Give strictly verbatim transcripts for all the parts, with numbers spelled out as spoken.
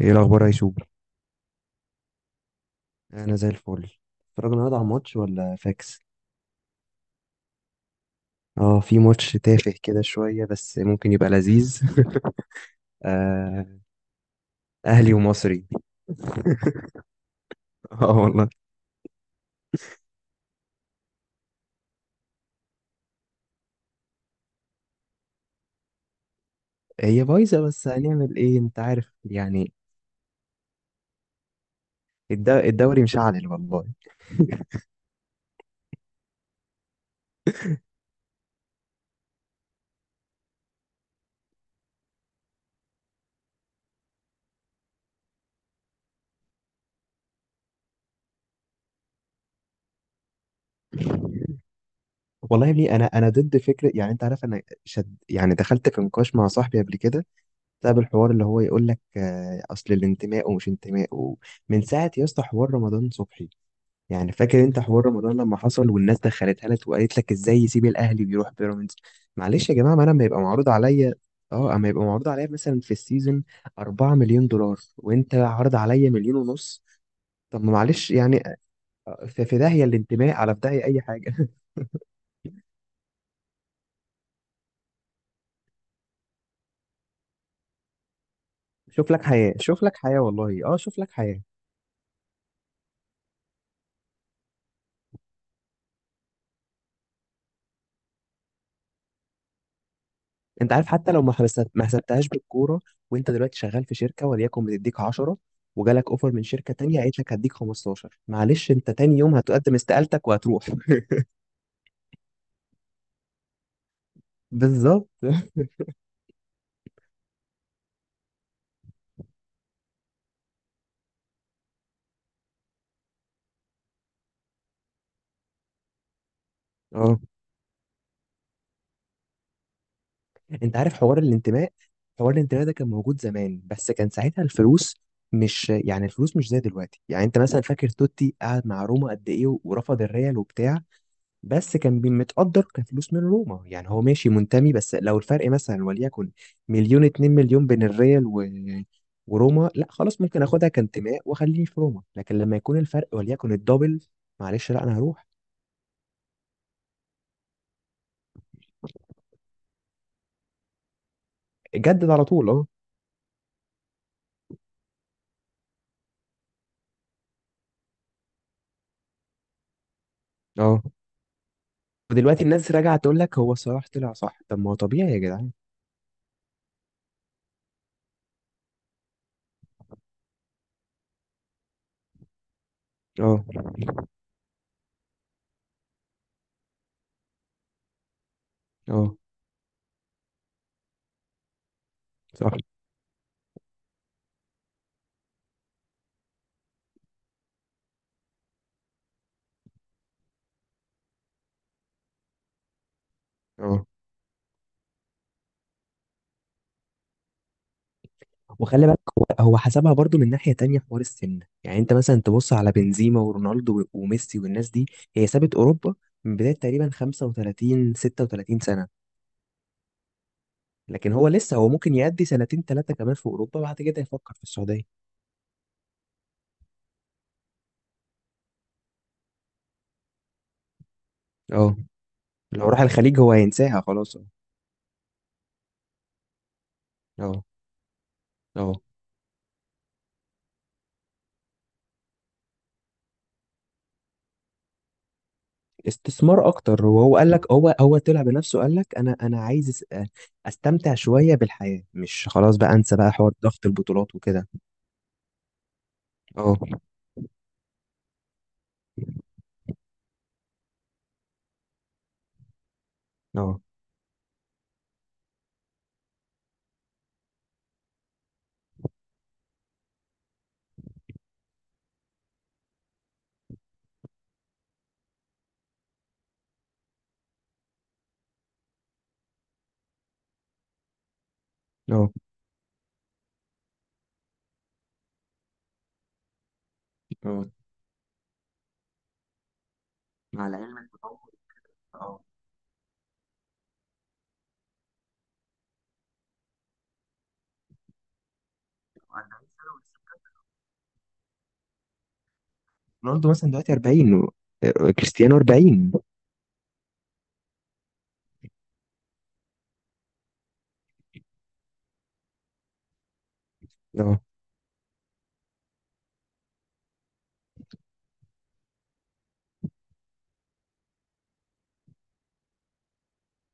ايه الاخبار يا يوسف؟ انا زي الفل. اتفرج النهارده على الماتش ولا فاكس؟ اه، في ماتش تافه كده شويه بس ممكن يبقى لذيذ. آه. اهلي ومصري. اه والله. هي بايظه، بس هنعمل ايه؟ انت عارف يعني. الد- الدوري مشعل والله. والله يا ابني، انا انا ضد فكره، يعني انت عارف، انا شد يعني، دخلت في نقاش مع صاحبي قبل كده بسبب الحوار اللي هو يقول لك آه، اصل الانتماء ومش انتماء، ومن ساعه يا اسطى حوار رمضان صبحي. يعني فاكر انت حوار رمضان لما حصل والناس دخلتها لك وقالت لك ازاي يسيب الاهلي ويروح بيراميدز؟ معلش يا جماعه، ما انا لما يبقى معروض عليا، اه، اما يبقى معروض عليا مثلا في السيزون اربعة مليون دولار وانت عارض عليا مليون ونص، طب ما معلش يعني. آه، في في داهيه الانتماء، على في داهيه اي حاجه. شوف لك حياه، شوف لك حياه، والله اه شوف لك حياه. انت عارف، حتى لو ما حبست- ما حسبتهاش بالكوره، وانت دلوقتي شغال في شركه وليكن بتديك عشرة، وجالك اوفر من شركه تانية قالت لك هديك خمسة عشر، معلش انت تاني يوم هتقدم استقالتك وهتروح. بالظبط اه. انت عارف حوار الانتماء، حوار الانتماء ده كان موجود زمان، بس كان ساعتها الفلوس، مش يعني الفلوس مش زي دلوقتي. يعني انت مثلا فاكر توتي قعد مع روما قد ايه ورفض الريال وبتاع، بس كان بي- متقدر كفلوس من روما، يعني هو ماشي منتمي. بس لو الفرق مثلا وليكن مليون، اتنين مليون بين الريال و... وروما، لا خلاص، ممكن اخدها كانتماء واخليني في روما. لكن لما يكون الفرق وليكن الدبل، معلش، لا انا هروح. جدد على طول اه. اه. ودلوقتي الناس راجعه تقول لك هو صلاح طلع صح، طب ما هو طبيعي يا جدعان. اه اه صح اه. وخلي بالك، هو هو حسبها برضو من ناحية تانية، حوار السن. يعني انت مثلا تبص على بنزيما ورونالدو و- وميسي والناس دي، هي سابت اوروبا من بداية تقريبا خمسة وثلاثين ستة وثلاثين سنة. لكن هو لسه، هو ممكن يأدي سنتين ثلاثة كمان في اوروبا، بعد كده يفكر في السعودية. اه، لو راح الخليج هو هينساها خلاص اه. اه اه. استثمار اكتر، وهو قال لك، هو هو طلع بنفسه، قال لك انا انا عايز اس- استمتع شوية بالحياة، مش خلاص بقى انسى بقى حوار ضغط البطولات وكده. اه اه اه. مع العلم التطور اه. اربعين سنة ولسه. رونالدو مثلا دلوقتي اربعين و- آه، كريستيانو اربعين. اه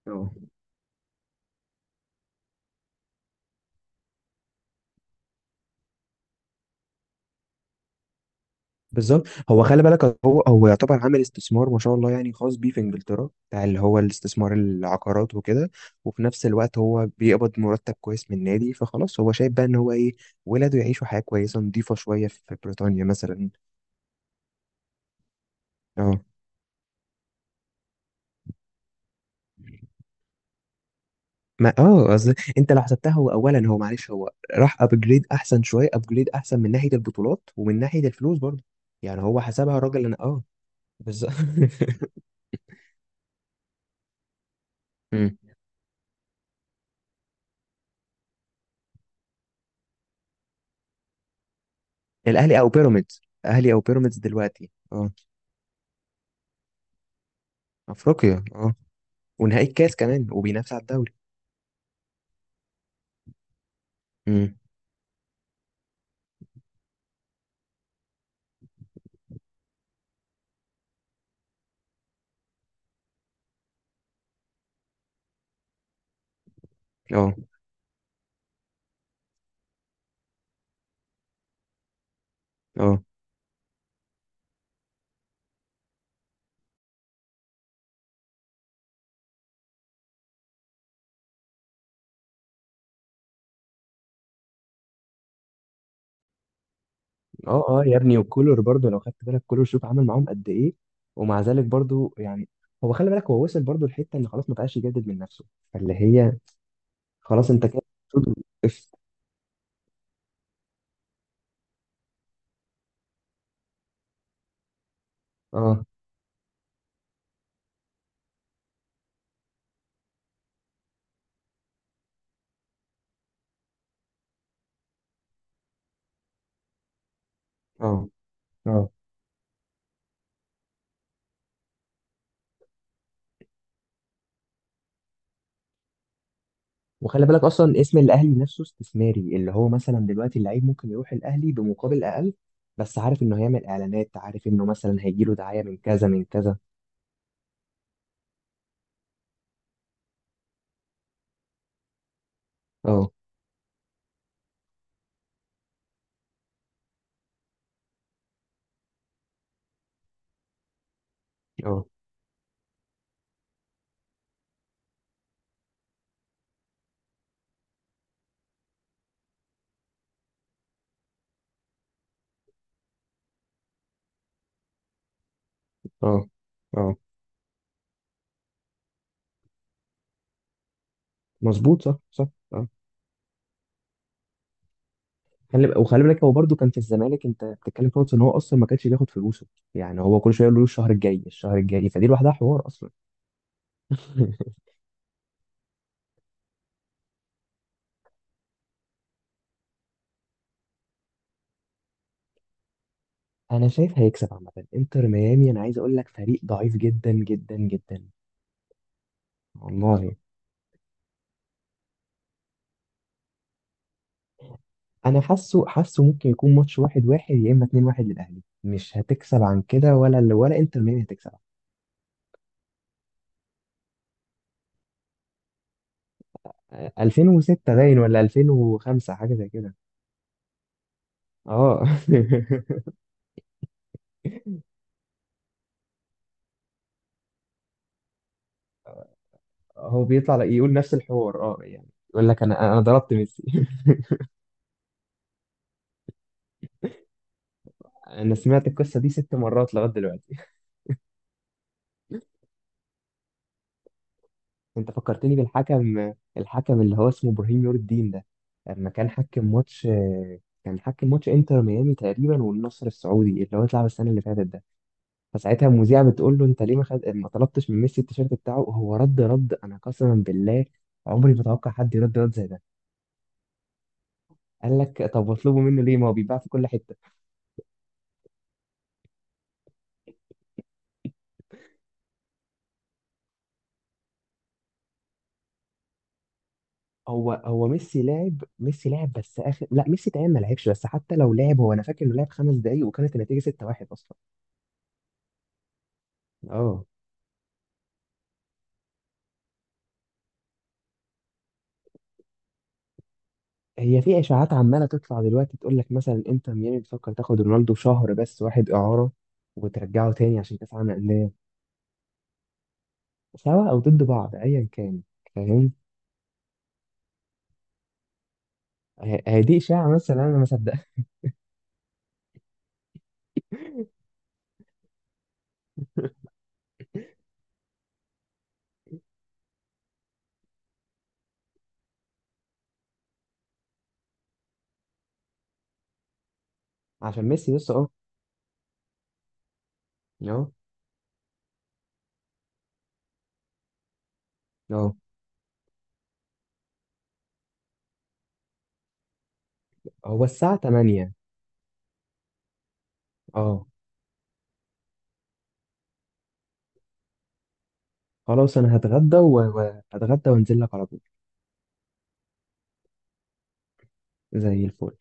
اه بالظبط. هو خلي بالك، هو هو يعتبر عامل استثمار ما شاء الله يعني، خاص بيه في انجلترا، بتاع اللي هو الاستثمار العقارات وكده. وفي نفس الوقت هو بيقبض مرتب كويس من النادي، فخلاص هو شايف بقى ان هو ايه، ولاده يعيشوا حياة كويسة نظيفة شوية في بريطانيا مثلا. اه. ما اه اصل انت لو حسبتها، هو اولا، هو معلش، هو راح ابجريد احسن شويه، ابجريد احسن من ناحيه البطولات ومن ناحيه الفلوس برضه. يعني هو حسبها الراجل، انا اه. بالظبط. مم. الاهلي او بيراميدز، اهلي او بيراميدز دلوقتي اه. افريقيا اه. ونهائي الكاس كمان وبينافس على الدوري. امم. اه اه اه. اه يا ابني، وكولر برضه لو خدت بالك، كولر شوف عمل معاهم قد ايه، ومع ذلك برضه يعني. هو خلي بالك، هو وصل برضه لحته ان خلاص ما بقاش يجدد من نفسه، فاللي هي خلاص انت كده. اه اه اه. وخلي بالك اصلا اسم الاهلي نفسه استثماري، اللي هو مثلا دلوقتي اللعيب ممكن يروح الاهلي بمقابل اقل، بس عارف انه هيعمل اعلانات، عارف انه مثلا هيجيله دعايه من كذا من كذا. اه اه اه اه مظبوط صح صح اه. خلي بق- وخلي بالك، هو برده كان في الزمالك، انت بتتكلم في نقطه ان هو اصلا ما كانش بياخد فلوسه. يعني هو كل شويه يقول له الشهر الجاي الشهر الجاي، فدي لوحدها حوار اصلا. انا شايف هيكسب عامه، انتر ميامي انا عايز اقول لك فريق ضعيف جدا جدا جدا. والله، انا حاسه حاسه ممكن يكون ماتش واحد واحد، يا اما اتنين واحد للاهلي. مش هتكسب عن كده ولا، ولا انتر ميامي هتكسب. آه، الفين وستة باين ولا الفين وخمسة، حاجه زي كده. اه. هو بيطلع يقول نفس الحوار اه يعني يقول لك انا انا ضربت ميسي. انا سمعت القصه دي ست مرات لغايه دلوقتي. انت فكرتني بالحكم، الحكم اللي هو اسمه ابراهيم نور الدين ده لما كان حكم ماتش، كان حكم ماتش انتر ميامي تقريبا والنصر السعودي، اللي هو اتلعب السنه اللي فاتت. فساعتها المذيعة بتقول له انت ليه ما خد... ما طلبتش من ميسي التيشيرت بتاعه؟ هو رد رد انا قسما بالله عمري ما اتوقع حد يرد رد زي ده. قال لك، طب واطلبه منه ليه، ما هو بيتباع في كل حتة. هو هو ميسي لاعب، ميسي لاعب بس اخر، لا ميسي تقريبا ما لعبش. بس حتى لو لعب، هو انا فاكر انه لعب خمس دقايق، وكانت النتيجة ستة واحد اصلا. اه. هي في اشاعات عمالة تطلع دلوقتي تقول لك مثلا انتر ميامي بتفكر تاخد رونالدو شهر بس واحد اعارة، وترجعه تاني عشان كاس عالم انديه. سوا او ضد بعض ايا كان. فاهم. هي هي دي اشاعه، مثلا انا ما صدقها. عشان ميسي لسه اه. اه اه. هو الساعه تمانية. اه. خلاص انا هتغدى، وهتغدى وانزل لك على طول. زي الفل.